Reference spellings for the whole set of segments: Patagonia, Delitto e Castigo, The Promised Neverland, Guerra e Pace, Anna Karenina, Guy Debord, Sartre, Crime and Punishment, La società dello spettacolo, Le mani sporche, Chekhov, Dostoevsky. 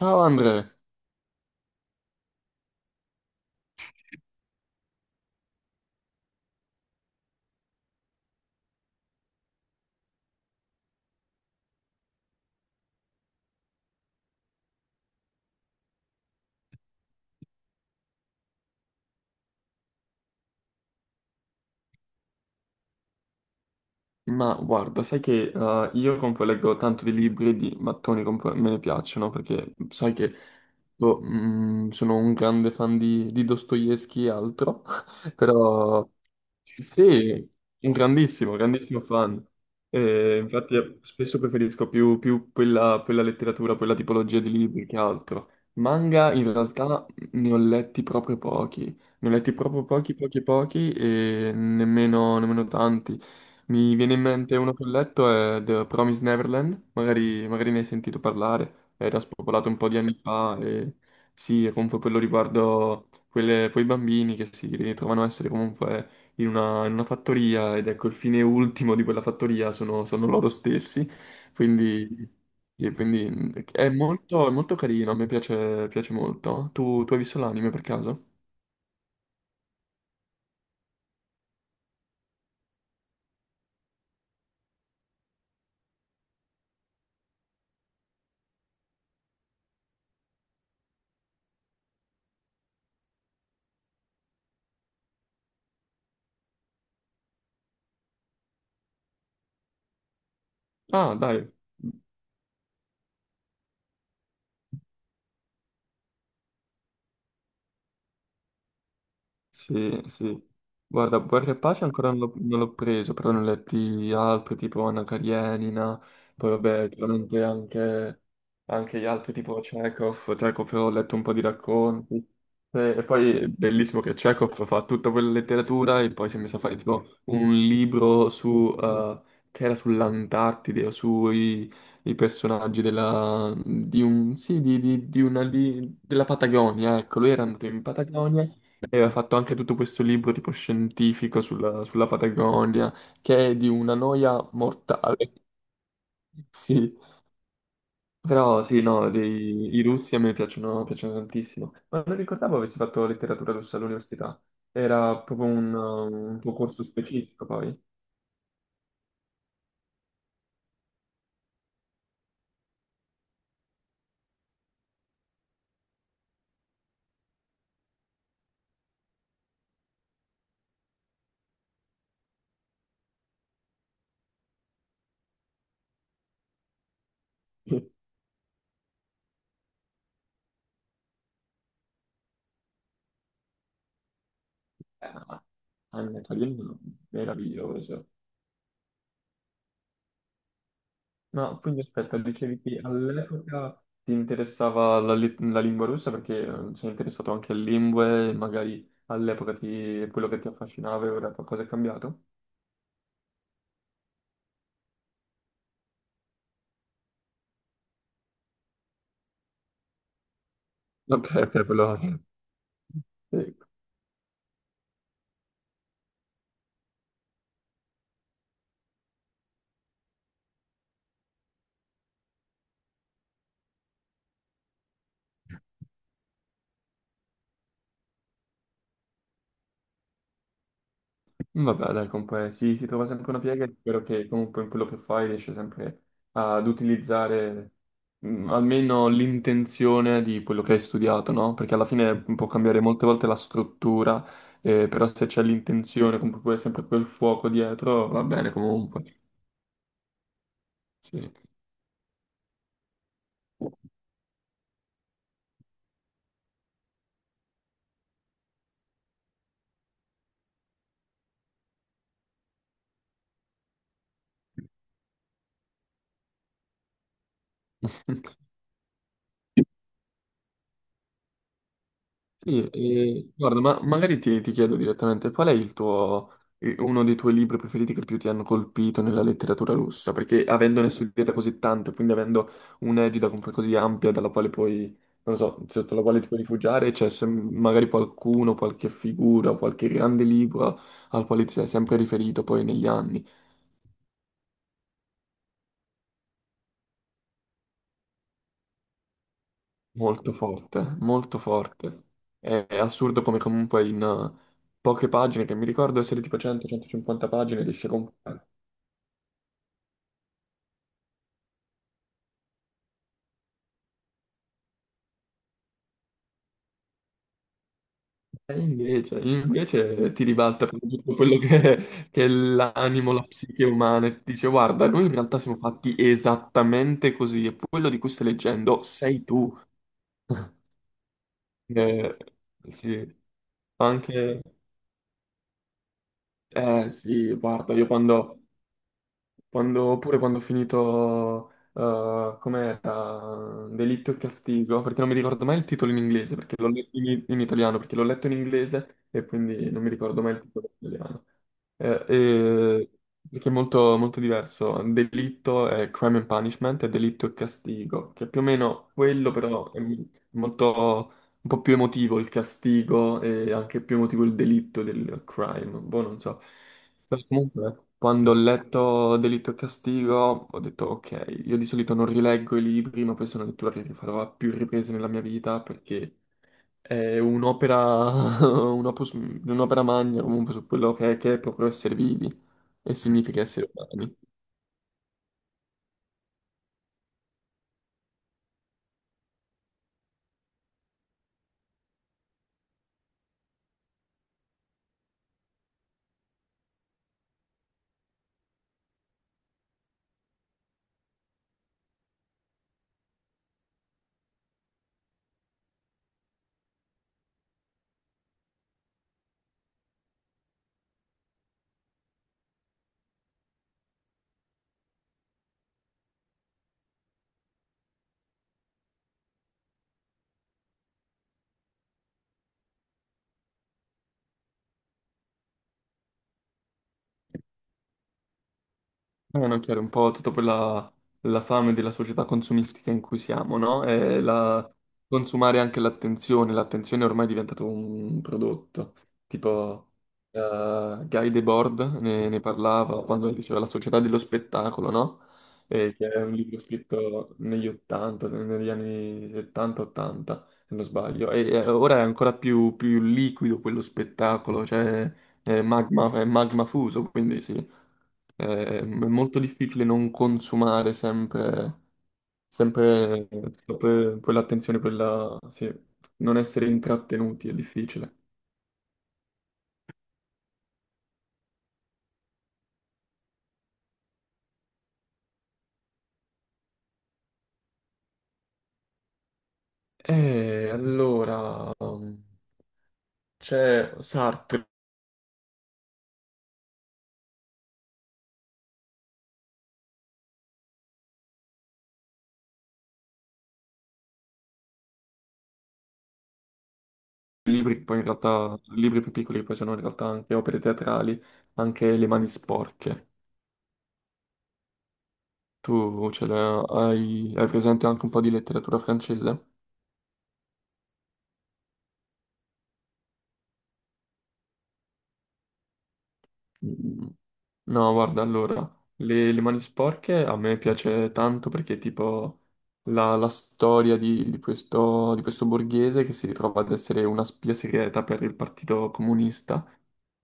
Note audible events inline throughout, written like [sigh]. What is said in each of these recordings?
Ciao Andre. Ma guarda, sai che, io compoleggo tanto di libri e di mattoni, me ne piacciono, perché sai che boh, sono un grande fan di Dostoevsky e altro. [laughs] Però sì, un grandissimo, grandissimo fan. Infatti, spesso preferisco più quella letteratura, quella tipologia di libri che altro. Manga in realtà ne ho letti proprio pochi, pochi, pochi e nemmeno tanti. Mi viene in mente uno che ho letto è The Promised Neverland. Magari ne hai sentito parlare, era spopolato un po' di anni fa. E sì, è comunque quello riguardo quei bambini che si ritrovano a essere comunque in una fattoria, ed ecco il fine ultimo di quella fattoria sono loro stessi. Quindi, e quindi è molto carino, a me piace, piace molto. Tu hai visto l'anime per caso? Ah, dai. Sì, sì. Guarda, Guerra e Pace ancora non l'ho preso, però ne ho letti altri tipo Anna Karenina. Poi vabbè, chiaramente anche gli altri tipo Chekhov. Chekhov, ho letto un po' di racconti. E poi è bellissimo che Chekhov fa tutta quella letteratura e poi si è messo a fare tipo un libro su che era sull'Antartide, o sui i personaggi sì, della Patagonia. Ecco, lui era andato in Patagonia e aveva fatto anche tutto questo libro tipo scientifico sulla Patagonia, che è di una noia mortale. [laughs] Sì, però sì, no, i russi a me piacciono, piacciono tantissimo. Ma non ricordavo avessi fatto letteratura russa all'università. Era proprio un tuo corso specifico, poi. [laughs] Eh, Anna Karenina, meraviglioso. No, quindi aspetta, dicevi che all'epoca ti interessava la lingua russa perché, sei interessato anche alle lingue, e magari all'epoca quello che ti affascinava, e ora qualcosa è cambiato? Ok, ok, quello... Sì, mm, vabbè, dai, comunque si trova sempre una piega, e spero che comunque in quello che fai riesci sempre ad utilizzare, almeno l'intenzione di quello che hai studiato, no? Perché alla fine può cambiare molte volte la struttura, però se c'è l'intenzione, comunque poi sempre quel fuoco dietro, va bene comunque. Sì. [laughs] Sì, guarda, ma magari ti chiedo direttamente, qual è il tuo, uno dei tuoi libri preferiti che più ti hanno colpito nella letteratura russa? Perché avendone studiata così tanto, quindi avendo un'egida comunque così ampia dalla quale puoi, non lo so, sotto la quale ti puoi rifugiare, c'è magari qualcuno, qualche figura, qualche grande libro al quale ti sei sempre riferito poi negli anni. Molto forte, molto forte. È assurdo come comunque in poche pagine, che mi ricordo essere tipo 100-150 pagine, riesce a comprare. E invece ti ribalta proprio tutto quello che è l'animo, la psiche umana, e ti dice: "Guarda, noi in realtà siamo fatti esattamente così, e quello di cui stai leggendo sei tu." [laughs] Eh sì, anche, eh sì, guarda, oppure quando ho finito, com'era, Delitto e Castigo, perché non mi ricordo mai il titolo in inglese, perché l'ho letto in, in italiano, perché l'ho letto in inglese e quindi non mi ricordo mai il titolo in italiano. Eh, eh, perché è molto, molto diverso. Delitto è Crime and Punishment, e Delitto e Castigo, che è più o meno quello, però è molto, un po' più emotivo il castigo, e anche più emotivo il delitto del crime. Boh, non so. Beh, comunque, quando ho letto Delitto e Castigo, ho detto ok, io di solito non rileggo i libri, ma questa è una lettura che rifarò a più riprese nella mia vita, perché è un'opera... [laughs] un'opera magna comunque, su quello che è, proprio essere vivi, e significa essere umani. No, chiaro, un po' tutta quella la fame della società consumistica in cui siamo, no? Consumare anche l'attenzione, l'attenzione ormai è diventato un prodotto, tipo Guy Debord ne parlava quando diceva La società dello spettacolo, no? Che è un libro scritto negli 80, negli anni 70-80, se non sbaglio. E ora è ancora più liquido quello spettacolo, cioè è magma fuso, quindi sì. È molto difficile non consumare sempre sì, non essere intrattenuti è difficile. E allora c'è Sartre, libri che poi in realtà, libri più piccoli che poi sono in realtà anche opere teatrali, anche Le mani sporche. Tu ce l'hai, hai presente anche un po' di letteratura francese? Mm, no, guarda, allora, le mani sporche a me piace tanto, perché tipo la storia di questo borghese che si ritrova ad essere una spia segreta per il Partito Comunista.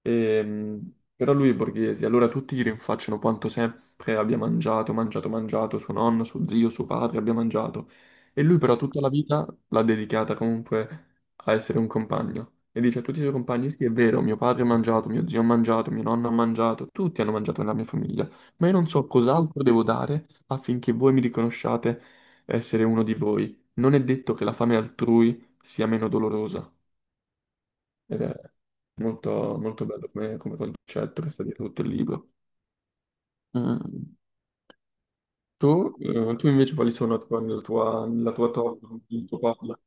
Ehm, Però lui è borghese, allora tutti gli rinfacciano quanto sempre abbia mangiato, mangiato, mangiato, suo nonno, suo zio, suo padre abbia mangiato. E lui però tutta la vita l'ha dedicata comunque a essere un compagno. E dice a tutti i suoi compagni: "Sì, è vero, mio padre ha mangiato, mio zio ha mangiato, mio nonno ha mangiato, tutti hanno mangiato nella mia famiglia, ma io non so cos'altro devo dare affinché voi mi riconosciate essere uno di voi. Non è detto che la fame altrui sia meno dolorosa." Ed è molto, molto bello come, concetto che sta dietro tutto il libro. Mm. Tu invece quali sono tipo, la tua top, il tuo pop?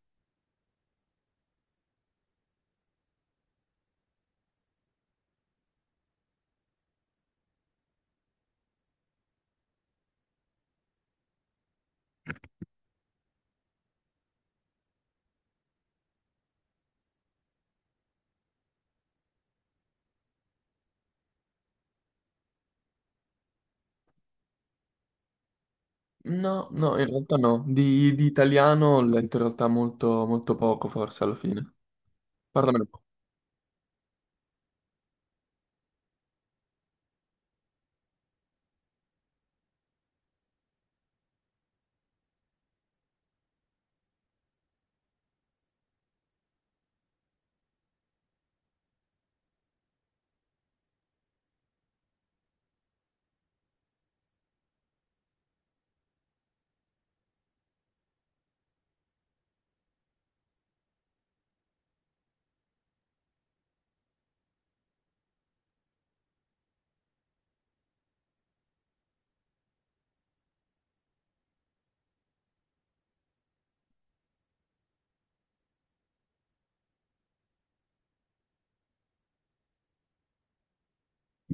No, no, in realtà no. Di italiano ho letto in realtà molto, molto poco, forse, alla fine. Parlamene un po'.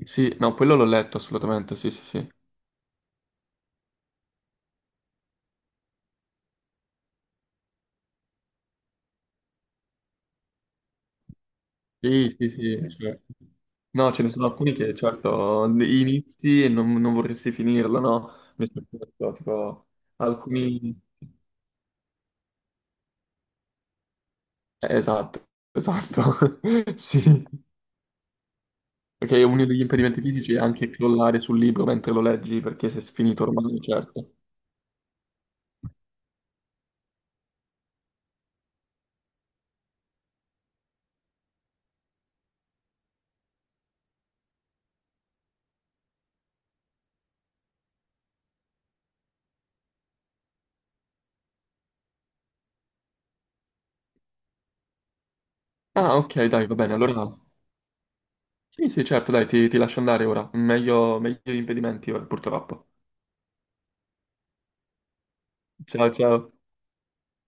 Sì, no, quello l'ho letto assolutamente, sì, sì, sì. Sì, sì, sì, no, ce ne sono alcuni che, certo, inizi e non vorresti finirlo, no? Mi sono detto, tipo, alcuni... Esatto, esatto. [laughs] Sì, perché uno degli impedimenti fisici è anche crollare sul libro mentre lo leggi, perché sei sfinito ormai, certo. Ah, ok, dai, va bene, allora... Sì, sì, certo, dai, ti lascio andare ora. Meglio, meglio gli impedimenti ora, purtroppo. Ciao, ciao.